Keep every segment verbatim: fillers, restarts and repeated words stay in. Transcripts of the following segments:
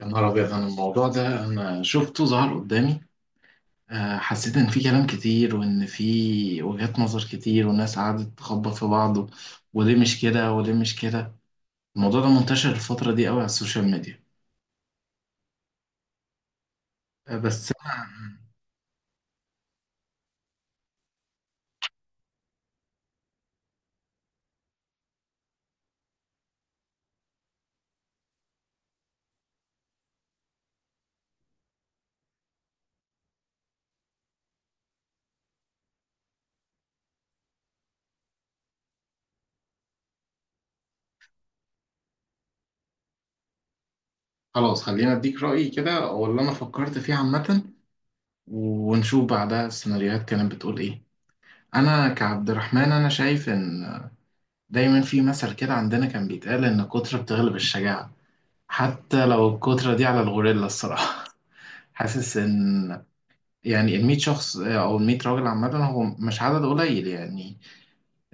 يا نهار أبيض، أنا الموضوع ده أنا شفته ظهر قدامي. آه، حسيت إن في كلام كتير وإن في وجهات نظر كتير والناس قعدت تخبط في بعض و- وليه مش كده وليه مش كده. الموضوع ده منتشر الفترة دي قوي على السوشيال ميديا. آه، بس أنا خلاص، خلينا أديك رأيي كده أو اللي أنا فكرت فيه عامة، ونشوف بعدها السيناريوهات كانت بتقول إيه. أنا كعبد الرحمن أنا شايف إن دايما في مثل كده عندنا كان بيتقال إن الكترة بتغلب الشجاعة، حتى لو الكترة دي على الغوريلا الصراحة. حاسس ان يعني ال مية شخص، آه، او ال مية راجل عامه هو مش عدد قليل يعني.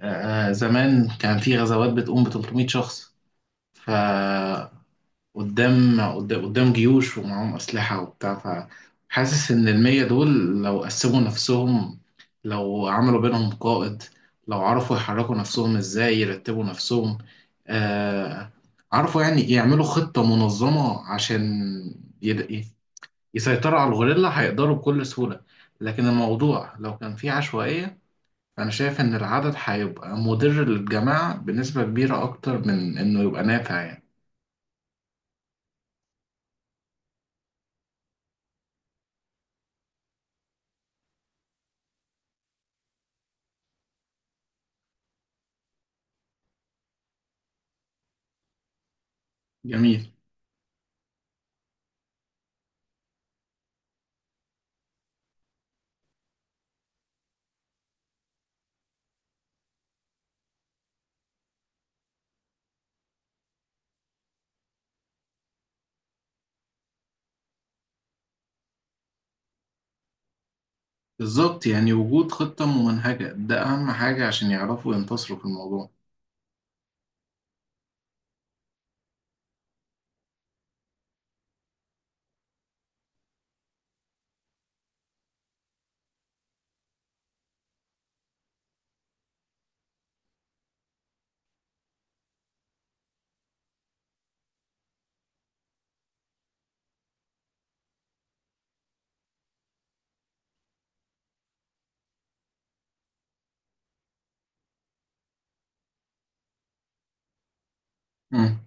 آه، آه، زمان كان في غزوات بتقوم ب تلتمية شخص، فقدام قدام قدام جيوش ومعاهم اسلحه وبتاع. فحاسس ان ال مية دول لو قسموا نفسهم، لو عملوا بينهم قائد، لو عرفوا يحركوا نفسهم ازاي، يرتبوا نفسهم، آه، عرفوا يعني يعملوا خطه منظمه عشان يد- يسيطروا على الغوريلا هيقدروا بكل سهولة. لكن الموضوع لو كان فيه عشوائية، أنا شايف إن العدد هيبقى مضر للجماعة بنسبة كبيرة أكتر من إنه يبقى نافع يعني. جميل، بالظبط، يعني وجود خطة ممنهجة ده أهم حاجة عشان يعرفوا ينتصروا في الموضوع. مم.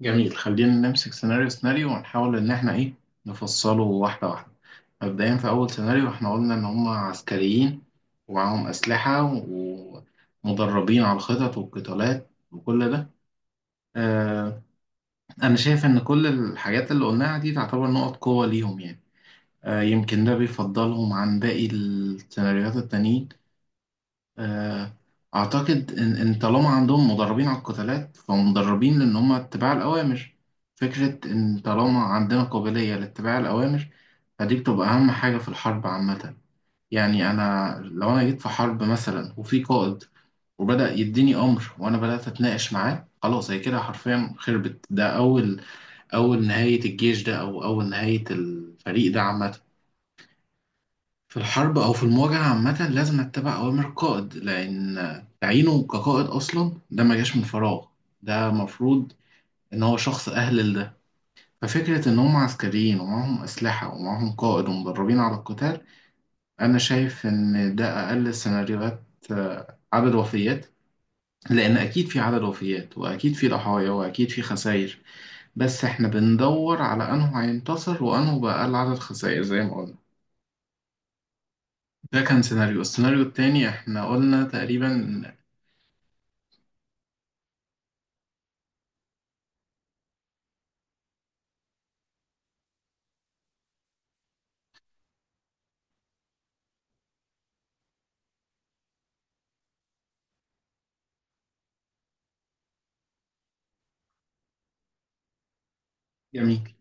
جميل، خلينا نمسك سيناريو سيناريو ونحاول إن إحنا إيه، نفصله واحدة واحدة. مبدئيا في أول سيناريو إحنا قلنا إن هم عسكريين ومعاهم أسلحة ومدربين على الخطط والقتالات وكل ده. آه، أنا شايف إن كل الحاجات اللي قلناها دي تعتبر نقط قوة ليهم يعني. آه، يمكن ده بيفضلهم عن باقي السيناريوهات التانيين. آه، أعتقد إن إن طالما عندهم مدربين على القتالات فمدربين لأن هم اتباع الأوامر. فكرة إن طالما عندنا قابلية لاتباع الأوامر فدي بتبقى أهم حاجة في الحرب عامة. يعني أنا لو أنا جيت في حرب مثلا وفي قائد وبدأ يديني أمر وأنا بدأت أتناقش معاه، خلاص هي كده حرفيا خربت. ده أول أول نهاية الجيش ده أو أول نهاية الفريق ده عامة. في الحرب أو في المواجهة عامة لازم أتبع أوامر القائد، لأن تعيينه كقائد أصلا ده ما جاش من فراغ، ده مفروض إن هو شخص أهل لده. ففكرة إن هم عسكريين ومعهم أسلحة ومعهم قائد ومدربين على القتال، أنا شايف إن ده أقل السيناريوهات، آه، عدد وفيات، لأن أكيد في عدد وفيات وأكيد في ضحايا وأكيد في خسائر، بس احنا بندور على انه هينتصر وانه بقى أقل عدد خسائر زي ما قلنا. ده كان سيناريو، السيناريو التاني احنا قلنا تقريبا. جميل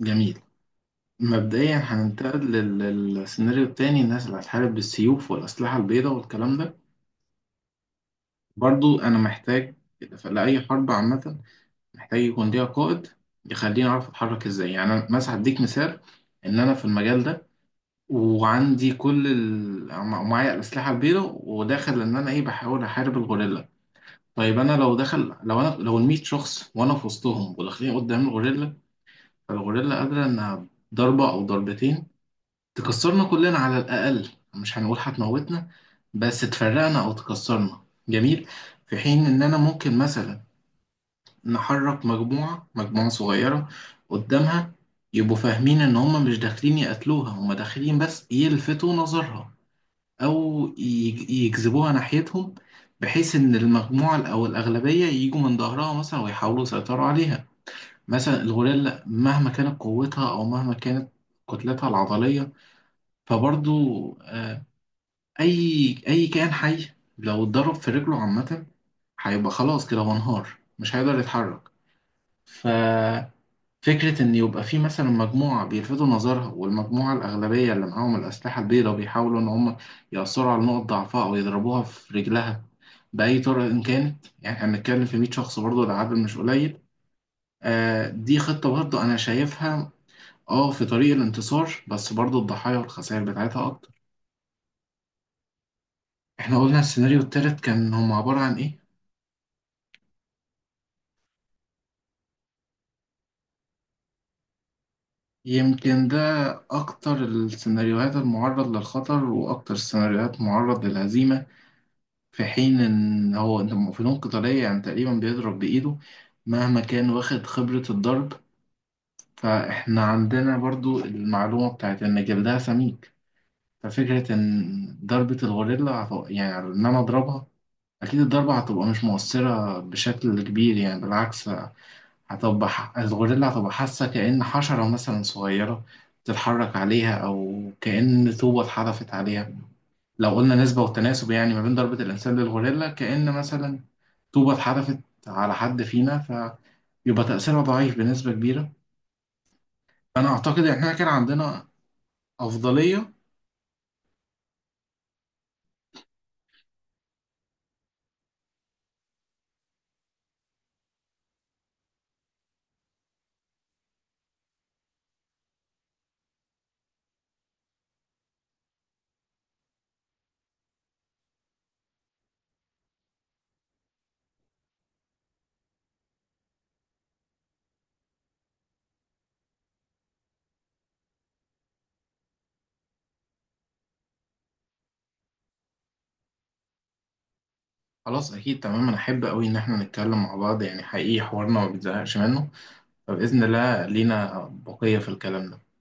جميل، مبدئيا هننتقل لل- للسيناريو التاني، الناس اللي هتحارب بالسيوف والأسلحة البيضاء والكلام ده. برضو أنا محتاج لأي حرب عامة، محتاج يكون ليها قائد يخليني أعرف أتحرك إزاي. يعني أنا مثلا هديك مثال إن أنا في المجال ده وعندي كل ال ومعايا الأسلحة البيضاء وداخل إن أنا إيه بحاول أحارب الغوريلا. طيب انا لو دخل لو انا لو ال مية شخص وانا في وسطهم وداخلين قدام الغوريلا، فالغوريلا قادره انها ضربه او ضربتين تكسرنا كلنا على الاقل. مش هنقول هتموتنا، بس تفرقنا او تكسرنا. جميل، في حين ان انا ممكن مثلا نحرك مجموعه مجموعه صغيره قدامها، يبقوا فاهمين ان هم مش داخلين يقتلوها، هم داخلين بس يلفتوا نظرها او يج- يجذبوها ناحيتهم، بحيث ان المجموعه ال- او الاغلبيه يجوا من ظهرها مثلا ويحاولوا يسيطروا عليها. مثلا الغوريلا مهما كانت قوتها او مهما كانت كتلتها العضليه، فبرضو آه، اي اي كائن حي لو اتضرب في رجله عامه هيبقى خلاص كده هو انهار، مش هيقدر يتحرك. فكرة إن يبقى في مثلا مجموعة بيلفتوا نظرها والمجموعة الأغلبية اللي معاهم الأسلحة البيضاء بيحاولوا إن هم يأثروا على نقط ضعفها أو يضربوها في رجلها بأي طريقة إن كانت. يعني إحنا بنتكلم في مية شخص برضه العدد مش قليل. آه، دي خطة برضه أنا شايفها، أه، في طريق الانتصار، بس برضه الضحايا والخسائر بتاعتها أكتر. إحنا قلنا السيناريو التالت كان هم عبارة عن إيه؟ يمكن ده أكتر السيناريوهات المعرض للخطر وأكتر السيناريوهات معرض للهزيمة. في حين ان هو انت فنون قتالية يعني تقريبا بيضرب بايده، مهما كان واخد خبرة الضرب. فاحنا عندنا برضو المعلومة بتاعت ان جلدها سميك، ففكرة ان ضربة الغوريلا هت- يعني ان انا اضربها، اكيد الضربة هتبقى مش مؤثرة بشكل كبير، يعني بالعكس، هتبقى ح- الغوريلا هتبقى حاسة كأن حشرة مثلا صغيرة بتتحرك عليها او كأن طوبة اتحدفت عليها. لو قلنا نسبة والتناسب يعني ما بين ضربة الإنسان للغوريلا، كأن مثلا طوبة اتحدفت على حد فينا، فيبقى تأثيرها ضعيف بنسبة كبيرة. أنا أعتقد إن إحنا كان عندنا أفضلية. خلاص أكيد، تمام، أنا أحب أوي إن إحنا نتكلم مع بعض، يعني حقيقي حوارنا ما بيتزهقش منه، فبإذن الله لينا بقية في الكلام ده.